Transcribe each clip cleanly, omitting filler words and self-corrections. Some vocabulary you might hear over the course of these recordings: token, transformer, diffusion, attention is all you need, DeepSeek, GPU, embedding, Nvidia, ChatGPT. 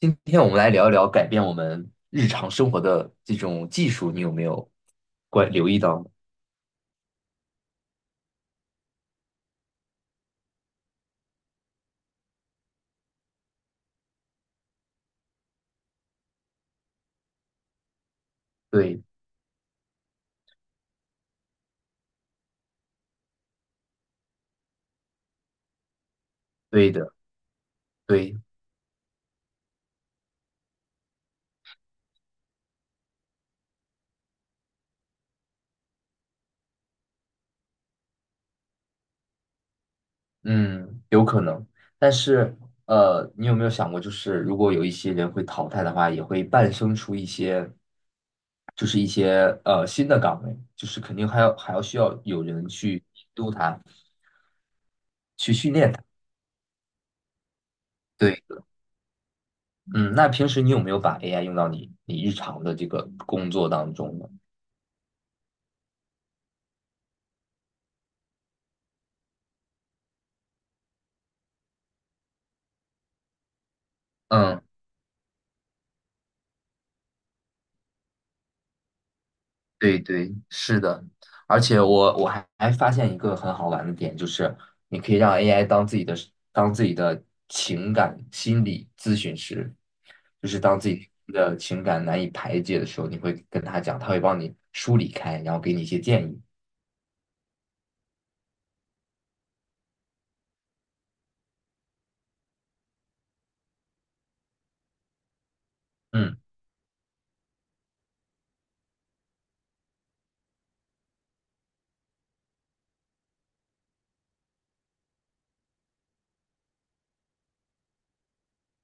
今天我们来聊一聊改变我们日常生活的这种技术，你有没有留意到呢？对，对的，对，嗯，有可能。但是，你有没有想过，就是如果有一些人会淘汰的话，也会诞生出一些，就是一些新的岗位，就是肯定还要需要有人去监督它，去训练它。对，嗯，那平时你有没有把 AI 用到你日常的这个工作当中呢？嗯。对对，是的，而且我还发现一个很好玩的点，就是你可以让 AI 当自己的情感心理咨询师，就是当自己的情感难以排解的时候，你会跟他讲，他会帮你梳理开，然后给你一些建议。嗯。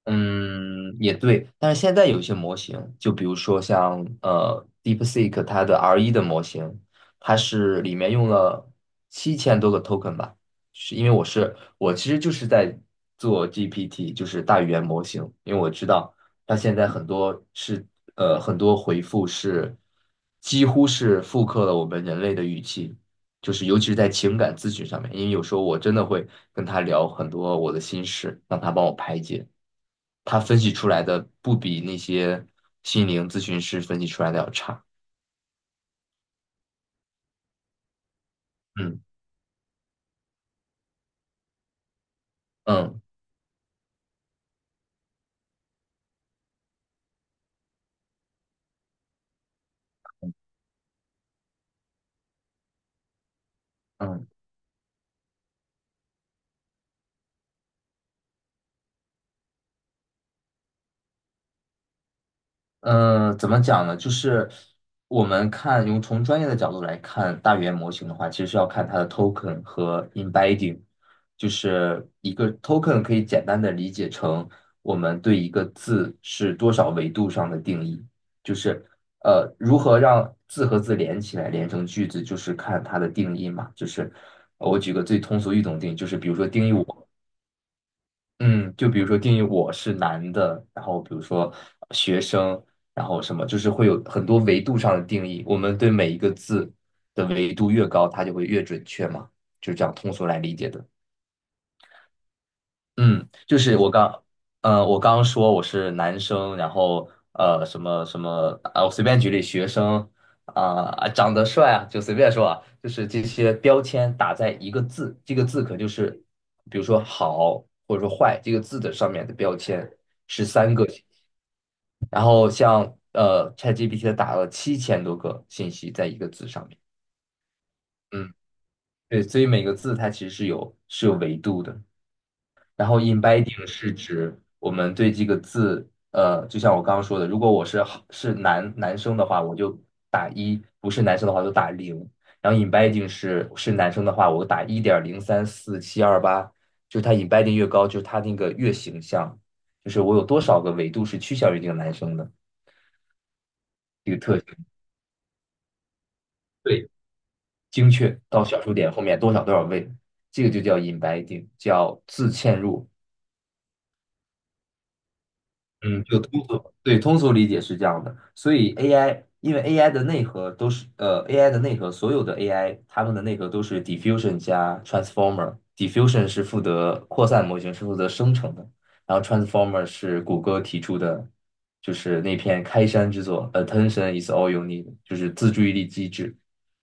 嗯，也对，但是现在有一些模型，就比如说像DeepSeek 它的 R1 的模型，它是里面用了7000多个 token 吧，是因为我其实就是在做 GPT，就是大语言模型，因为我知道它现在很多回复是几乎是复刻了我们人类的语气，就是尤其是在情感咨询上面，因为有时候我真的会跟他聊很多我的心事，让他帮我排解。他分析出来的不比那些心灵咨询师分析出来的要差。嗯嗯嗯。嗯，怎么讲呢？就是我们看，用从专业的角度来看大语言模型的话，其实是要看它的 token 和 embedding，就是一个 token 可以简单的理解成我们对一个字是多少维度上的定义，就是如何让字和字连起来，连成句子，就是看它的定义嘛。就是我举个最通俗易懂的定义，就是比如说定义我。嗯，就比如说定义我是男的，然后比如说学生，然后什么，就是会有很多维度上的定义。我们对每一个字的维度越高，它就会越准确嘛，就是这样通俗来理解的。嗯，我刚说我是男生，然后什么什么，啊，我随便举例，学生啊、啊，长得帅啊，就随便说啊，就是这些标签打在一个字，这个字可就是，比如说好或者说坏这个字的上面的标签是三个信息。然后像ChatGPT 它打了7000多个信息在一个字上面，嗯，对，所以每个字它其实是有维度的。然后 embedding 是指我们对这个字，就像我刚刚说的，如果我是好是男生的话，我就打一；不是男生的话就打零。然后 embedding 是男生的话，我打1.034728，就是它 embedding 越高，就是它那个越形象，就是我有多少个维度是趋向于这个男生的这个特性，对，精确到小数点后面多少多少位，这个就叫 embedding，叫自嵌入。嗯，就通俗，对，通俗理解是这样的。所以 AI，因为 AI 的内核，所有的 AI 它们的内核都是 diffusion 加 transformer。diffusion 是负责扩散模型，是负责生成的，然后 transformer 是谷歌提出的，就是那篇开山之作，attention is all you need，就是自注意力机制。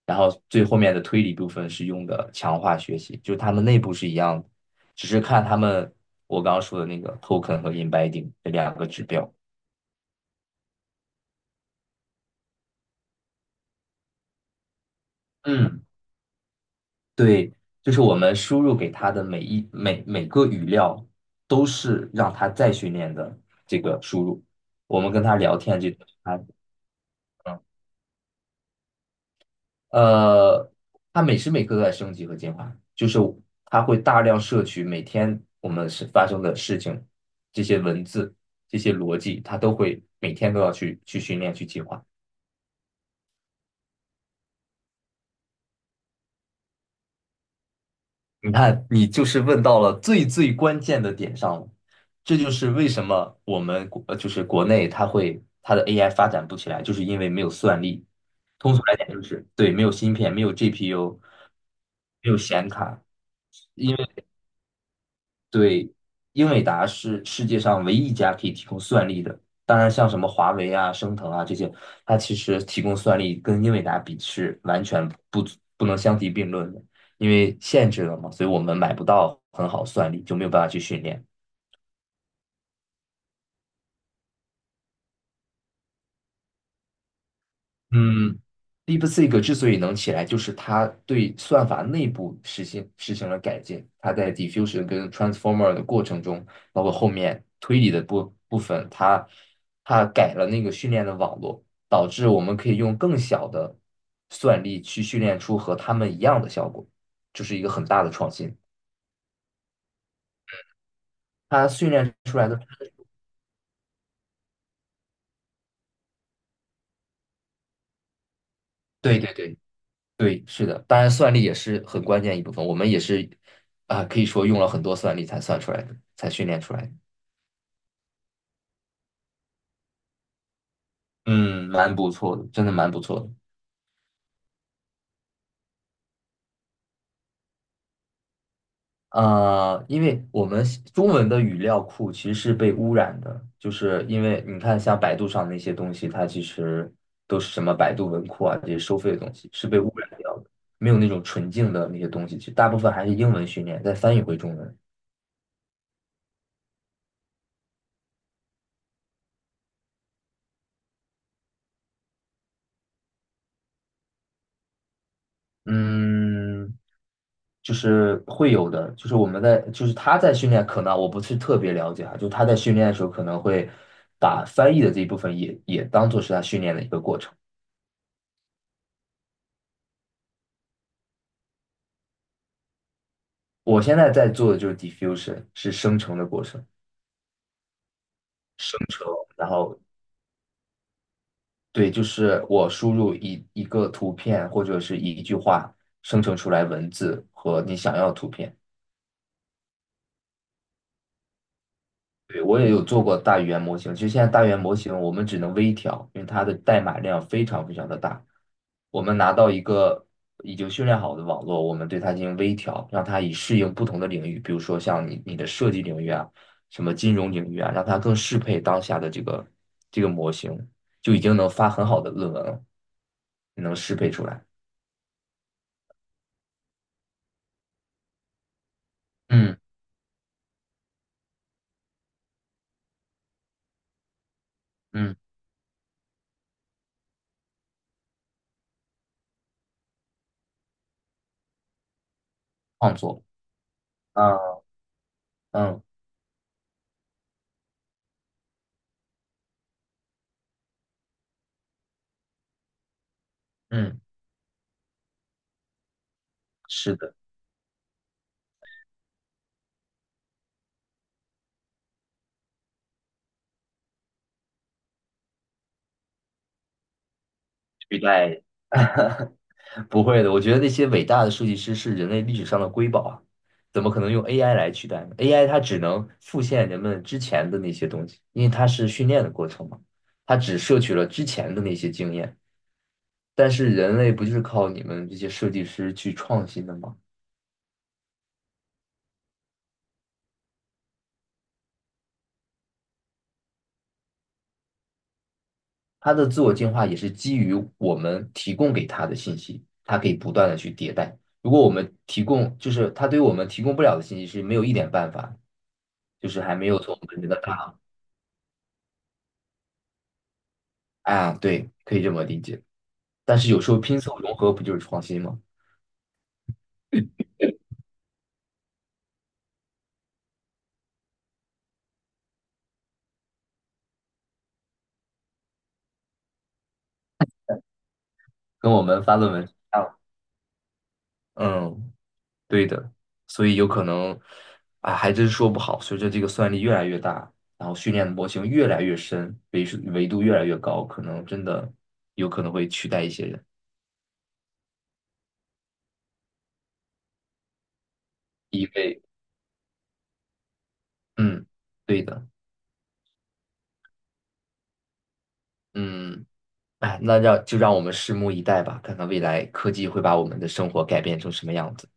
然后最后面的推理部分是用的强化学习，就是它们内部是一样的。只是看他们我刚刚说的那个 token 和 embedding 这两个指标。嗯，对，就是我们输入给它的每一每每个语料都是让它再训练的这个输入。我们跟他聊天这个，嗯呃，他每时每刻都在升级和进化，就是他会大量摄取每天我们是发生的事情，这些文字、这些逻辑，他都会每天都要去训练、去进化。你看，你就是问到了最最关键的点上了，这就是为什么我们国呃就是国内它的 AI 发展不起来，就是因为没有算力。通俗来讲，就是对，没有芯片，没有 GPU，没有显卡。因对，英伟达是世界上唯一一家可以提供算力的。当然，像什么华为啊、升腾啊这些，它其实提供算力跟英伟达比是完全不能相提并论的，因为限制了嘛，所以我们买不到很好算力，就没有办法去训练。嗯，DeepSeek 之所以能起来，就是它对算法内部实行了改进。它在 diffusion 跟 transformer 的过程中，包括后面推理的部分，它改了那个训练的网络，导致我们可以用更小的算力去训练出和他们一样的效果，这是一个很大的创新。它训练出来的，对对对对，是的，当然算力也是很关键一部分，我们也是啊、可以说用了很多算力才算出来的，才训练出来的。嗯，蛮不错的，真的蛮不错的。啊！因为我们中文的语料库其实是被污染的，就是因为你看，像百度上那些东西，它其实都是什么百度文库啊这些收费的东西，是被污染掉的，没有那种纯净的那些东西。其实大部分还是英文训练，再翻译回中文。嗯，就是会有的，就是我们在，就是他在训练，可能我不是特别了解哈，就他在训练的时候可能会把翻译的这一部分也当做是他训练的一个过程。我现在在做的就是 diffusion，是生成的过程，生成，然后对，就是我输入一个图片或者是一句话，生成出来文字和你想要的图片。对，我也有做过大语言模型，其实现在大语言模型我们只能微调，因为它的代码量非常非常的大。我们拿到一个已经训练好的网络，我们对它进行微调，让它以适应不同的领域，比如说像你的设计领域啊，什么金融领域啊，让它更适配当下的这个模型，就已经能发很好的论文了，能适配出来。嗯嗯，创作啊，嗯嗯，是的，取代。不会的，我觉得那些伟大的设计师是人类历史上的瑰宝啊，怎么可能用 AI 来取代呢？AI 它只能复现人们之前的那些东西，因为它是训练的过程嘛，它只摄取了之前的那些经验。但是人类不就是靠你们这些设计师去创新的吗？它的自我进化也是基于我们提供给它的信息，它可以不断的去迭代。如果我们提供，就是它对我们提供不了的信息是没有一点办法，就是还没有从我们人的大脑，啊，对，可以这么理解。但是有时候拼凑融合不就是创新吗？跟我们发论文是一样的。嗯，对的，所以有可能，啊，还真说不好。随着这个算力越来越大，然后训练的模型越来越深，维数维度越来越高，可能真的有可能会取代一些人。因为，嗯，对的，嗯，哎，那就让我们拭目以待吧，看看未来科技会把我们的生活改变成什么样子。